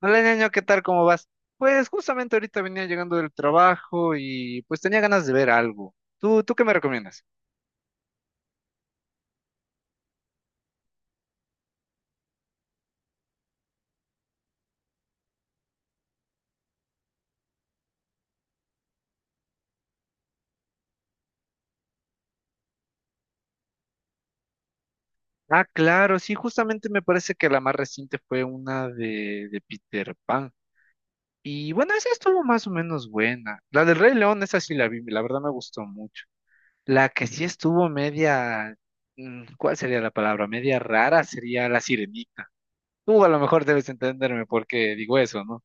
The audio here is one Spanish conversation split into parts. Hola, ñaño, ¿qué tal? ¿Cómo vas? Pues justamente ahorita venía llegando del trabajo y pues tenía ganas de ver algo. ¿Tú qué me recomiendas? Ah, claro, sí, justamente me parece que la más reciente fue una de Peter Pan. Y bueno, esa estuvo más o menos buena. La del Rey León, esa sí la vi, la verdad me gustó mucho. La que sí estuvo media, ¿cuál sería la palabra? Media rara sería La Sirenita. Tú a lo mejor debes entenderme por qué digo eso, ¿no?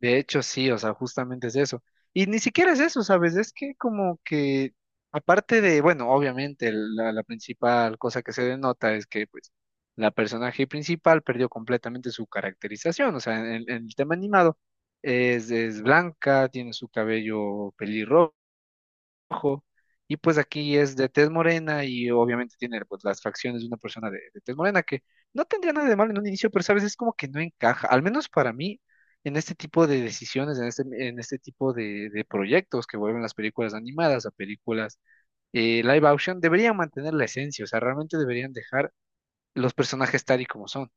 De hecho, sí, o sea, justamente es eso. Y ni siquiera es eso, ¿sabes? Es que como que, aparte de, bueno, obviamente la principal cosa que se denota es que, pues, la personaje principal perdió completamente su caracterización, o sea, en el tema animado es blanca, tiene su cabello pelirrojo rojo, y pues aquí es de tez morena y obviamente tiene pues las facciones de una persona de tez morena que no tendría nada de malo en un inicio, pero sabes, es como que no encaja, al menos para mí, en este tipo de decisiones, en este tipo de proyectos que vuelven las películas animadas a películas live action, deberían mantener la esencia, o sea, realmente deberían dejar los personajes tal y como son.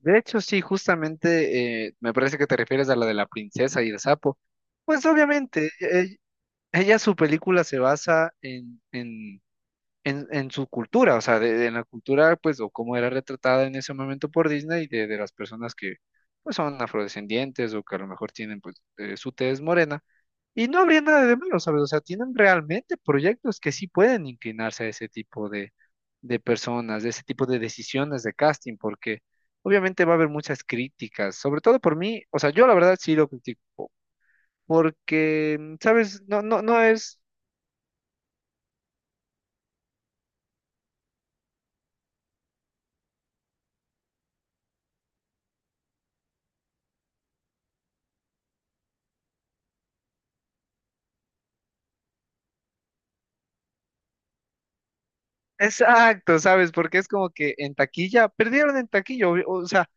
De hecho, sí, justamente me parece que te refieres a la de la princesa y el sapo. Pues obviamente, ella, su película se basa en su cultura, o sea, la cultura, pues, o cómo era retratada en ese momento por Disney, de las personas que, pues, son afrodescendientes o que a lo mejor tienen, pues, su tez morena. Y no habría nada de malo, ¿sabes? O sea, tienen realmente proyectos que sí pueden inclinarse a ese tipo de personas, de ese tipo de decisiones de casting, porque obviamente va a haber muchas críticas, sobre todo por mí, o sea, yo la verdad sí lo critico, porque, ¿sabes? No, no, no es... Exacto, ¿sabes? Porque es como que en taquilla, perdieron en taquilla, obvio, o sea,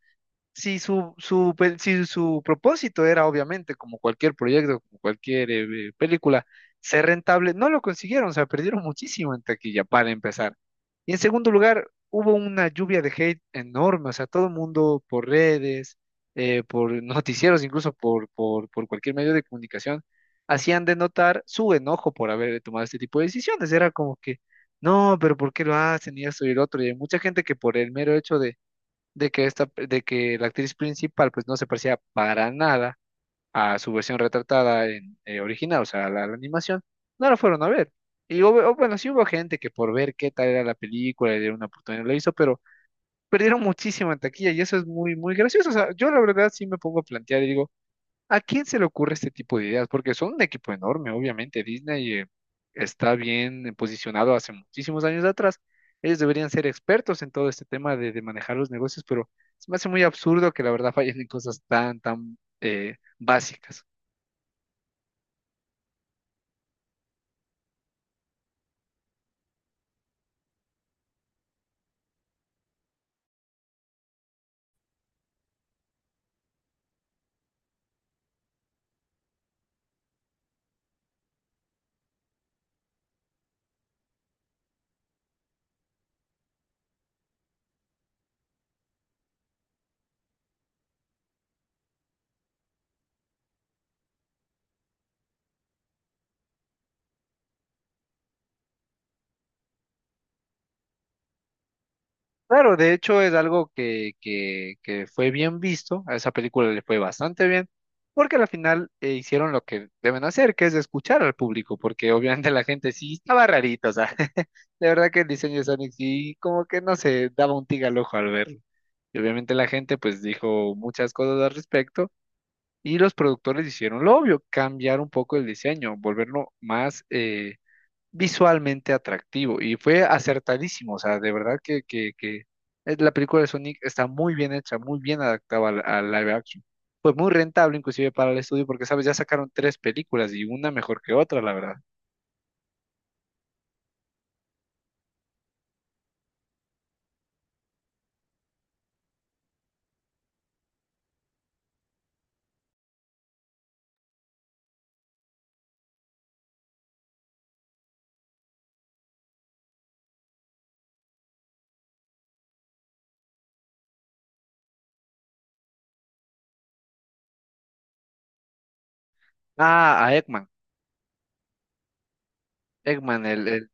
si si su propósito era, obviamente, como cualquier proyecto, como cualquier película, ser rentable, no lo consiguieron, o sea, perdieron muchísimo en taquilla para empezar. Y en segundo lugar, hubo una lluvia de hate enorme, o sea, todo el mundo por redes, por noticieros, incluso por cualquier medio de comunicación, hacían de notar su enojo por haber tomado este tipo de decisiones. Era como que, no, pero ¿por qué lo hacen? Y esto y el otro. Y hay mucha gente que por el mero hecho de que esta, de que la actriz principal pues no se parecía para nada a su versión retratada en original, o sea, la animación, no la fueron a ver. Y hubo- o bueno, sí hubo gente que por ver qué tal era la película, le dieron una oportunidad, lo hizo, pero perdieron muchísimo en taquilla y eso es muy, muy gracioso. O sea, yo la verdad sí me pongo a plantear y digo, ¿a quién se le ocurre este tipo de ideas? Porque son un equipo enorme, obviamente. Disney está bien posicionado hace muchísimos años atrás. Ellos deberían ser expertos en todo este tema de manejar los negocios, pero se me hace muy absurdo que la verdad fallen en cosas tan, tan básicas. Claro, de hecho es algo que fue bien visto, a esa película le fue bastante bien, porque al final hicieron lo que deben hacer, que es escuchar al público, porque obviamente la gente sí estaba rarito, o sea, de verdad que el diseño de Sonic sí como que no se daba un tig al ojo al verlo. Y obviamente la gente pues dijo muchas cosas al respecto y los productores hicieron lo obvio, cambiar un poco el diseño, volverlo más... visualmente atractivo y fue acertadísimo, o sea, de verdad que la película de Sonic está muy bien hecha, muy bien adaptada al live action. Fue muy rentable inclusive para el estudio porque, sabes, ya sacaron tres películas y una mejor que otra, la verdad. Ah, a Eggman, Eggman,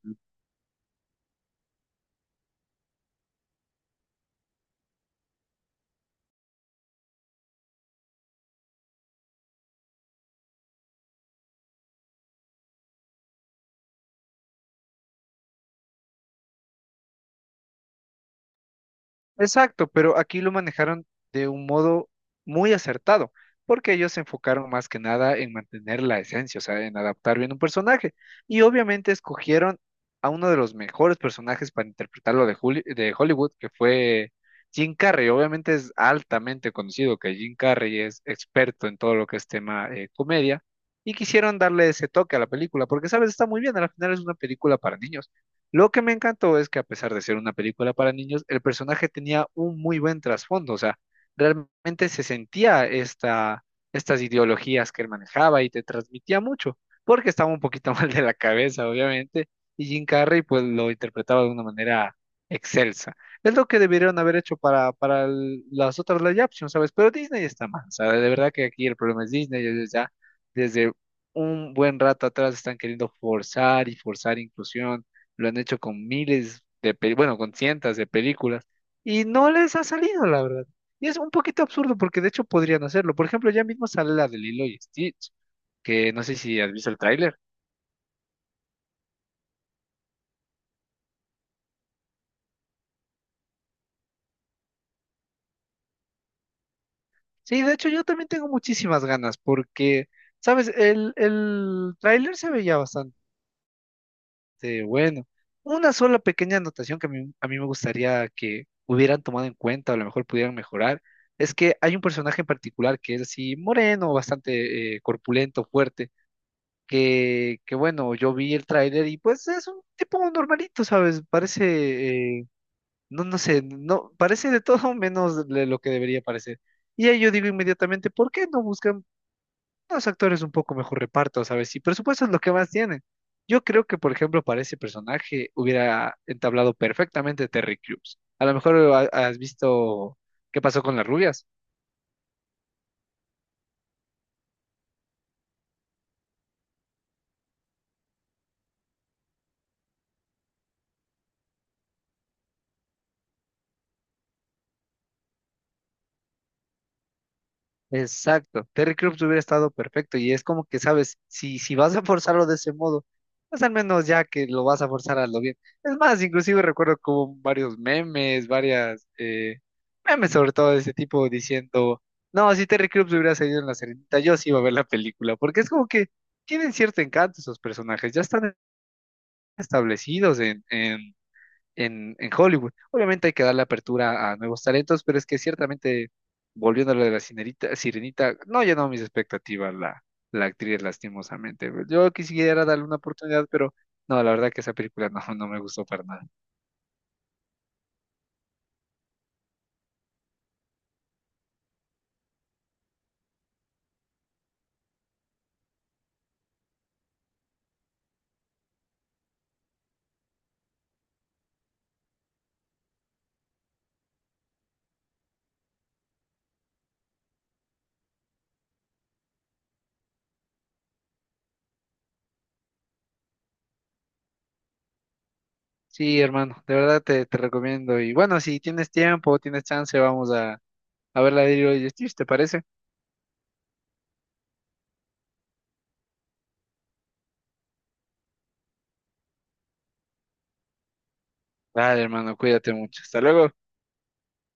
exacto, pero aquí lo manejaron de un modo muy acertado, porque ellos se enfocaron más que nada en mantener la esencia, o sea, en adaptar bien un personaje. Y obviamente escogieron a uno de los mejores personajes para interpretarlo de Hollywood, que fue Jim Carrey. Obviamente es altamente conocido que Jim Carrey es experto en todo lo que es tema comedia, y quisieron darle ese toque a la película, porque, sabes, está muy bien, al final es una película para niños. Lo que me encantó es que a pesar de ser una película para niños, el personaje tenía un muy buen trasfondo, o sea, realmente se sentía estas ideologías que él manejaba y te transmitía mucho, porque estaba un poquito mal de la cabeza, obviamente, y Jim Carrey pues lo interpretaba de una manera excelsa. Es lo que debieron haber hecho para, las otras live action, ¿sabes? Pero Disney está mal, ¿sabes? De verdad que aquí el problema es Disney, ellos ya desde un buen rato atrás están queriendo forzar y forzar inclusión, lo han hecho con miles bueno, con cientos de películas y no les ha salido, la verdad. Y es un poquito absurdo porque de hecho podrían hacerlo. Por ejemplo, ya mismo sale la de Lilo y Stitch, que no sé si has visto el tráiler. Sí, de hecho yo también tengo muchísimas ganas porque, sabes, el tráiler se veía bastante bueno. Una sola pequeña anotación que a mí me gustaría que hubieran tomado en cuenta o a lo mejor pudieran mejorar. Es que hay un personaje en particular que es así moreno, bastante corpulento, fuerte, que bueno, yo vi el tráiler y pues es un tipo normalito, ¿sabes? Parece, no sé, no, parece de todo menos de lo que debería parecer. Y ahí yo digo inmediatamente, ¿por qué no buscan unos actores un poco mejor reparto, ¿sabes? Y presupuesto es lo que más tienen. Yo creo que, por ejemplo, para ese personaje hubiera entablado perfectamente Terry Crews. A lo mejor has visto qué pasó con las rubias. Exacto, Terry Crews hubiera estado perfecto y es como que, sabes, si vas a forzarlo de ese modo, pues al menos ya que lo vas a forzar a lo bien. Es más, inclusive recuerdo como varios memes, varias memes sobre todo de ese tipo diciendo, no, si Terry Crews hubiera salido en la serenita, yo sí iba a ver la película, porque es como que tienen cierto encanto esos personajes, ya están establecidos en Hollywood. Obviamente hay que darle apertura a nuevos talentos, pero es que ciertamente, volviendo a lo de sirenita, no llenó mis expectativas la actriz, lastimosamente. Yo quisiera darle una oportunidad, pero no, la verdad que esa película no, no me gustó para nada. Sí, hermano, de verdad te recomiendo. Y bueno, si tienes tiempo, tienes chance, a ver la de Lilo y Stitch, ¿te parece? Vale, hermano, cuídate mucho. Hasta luego.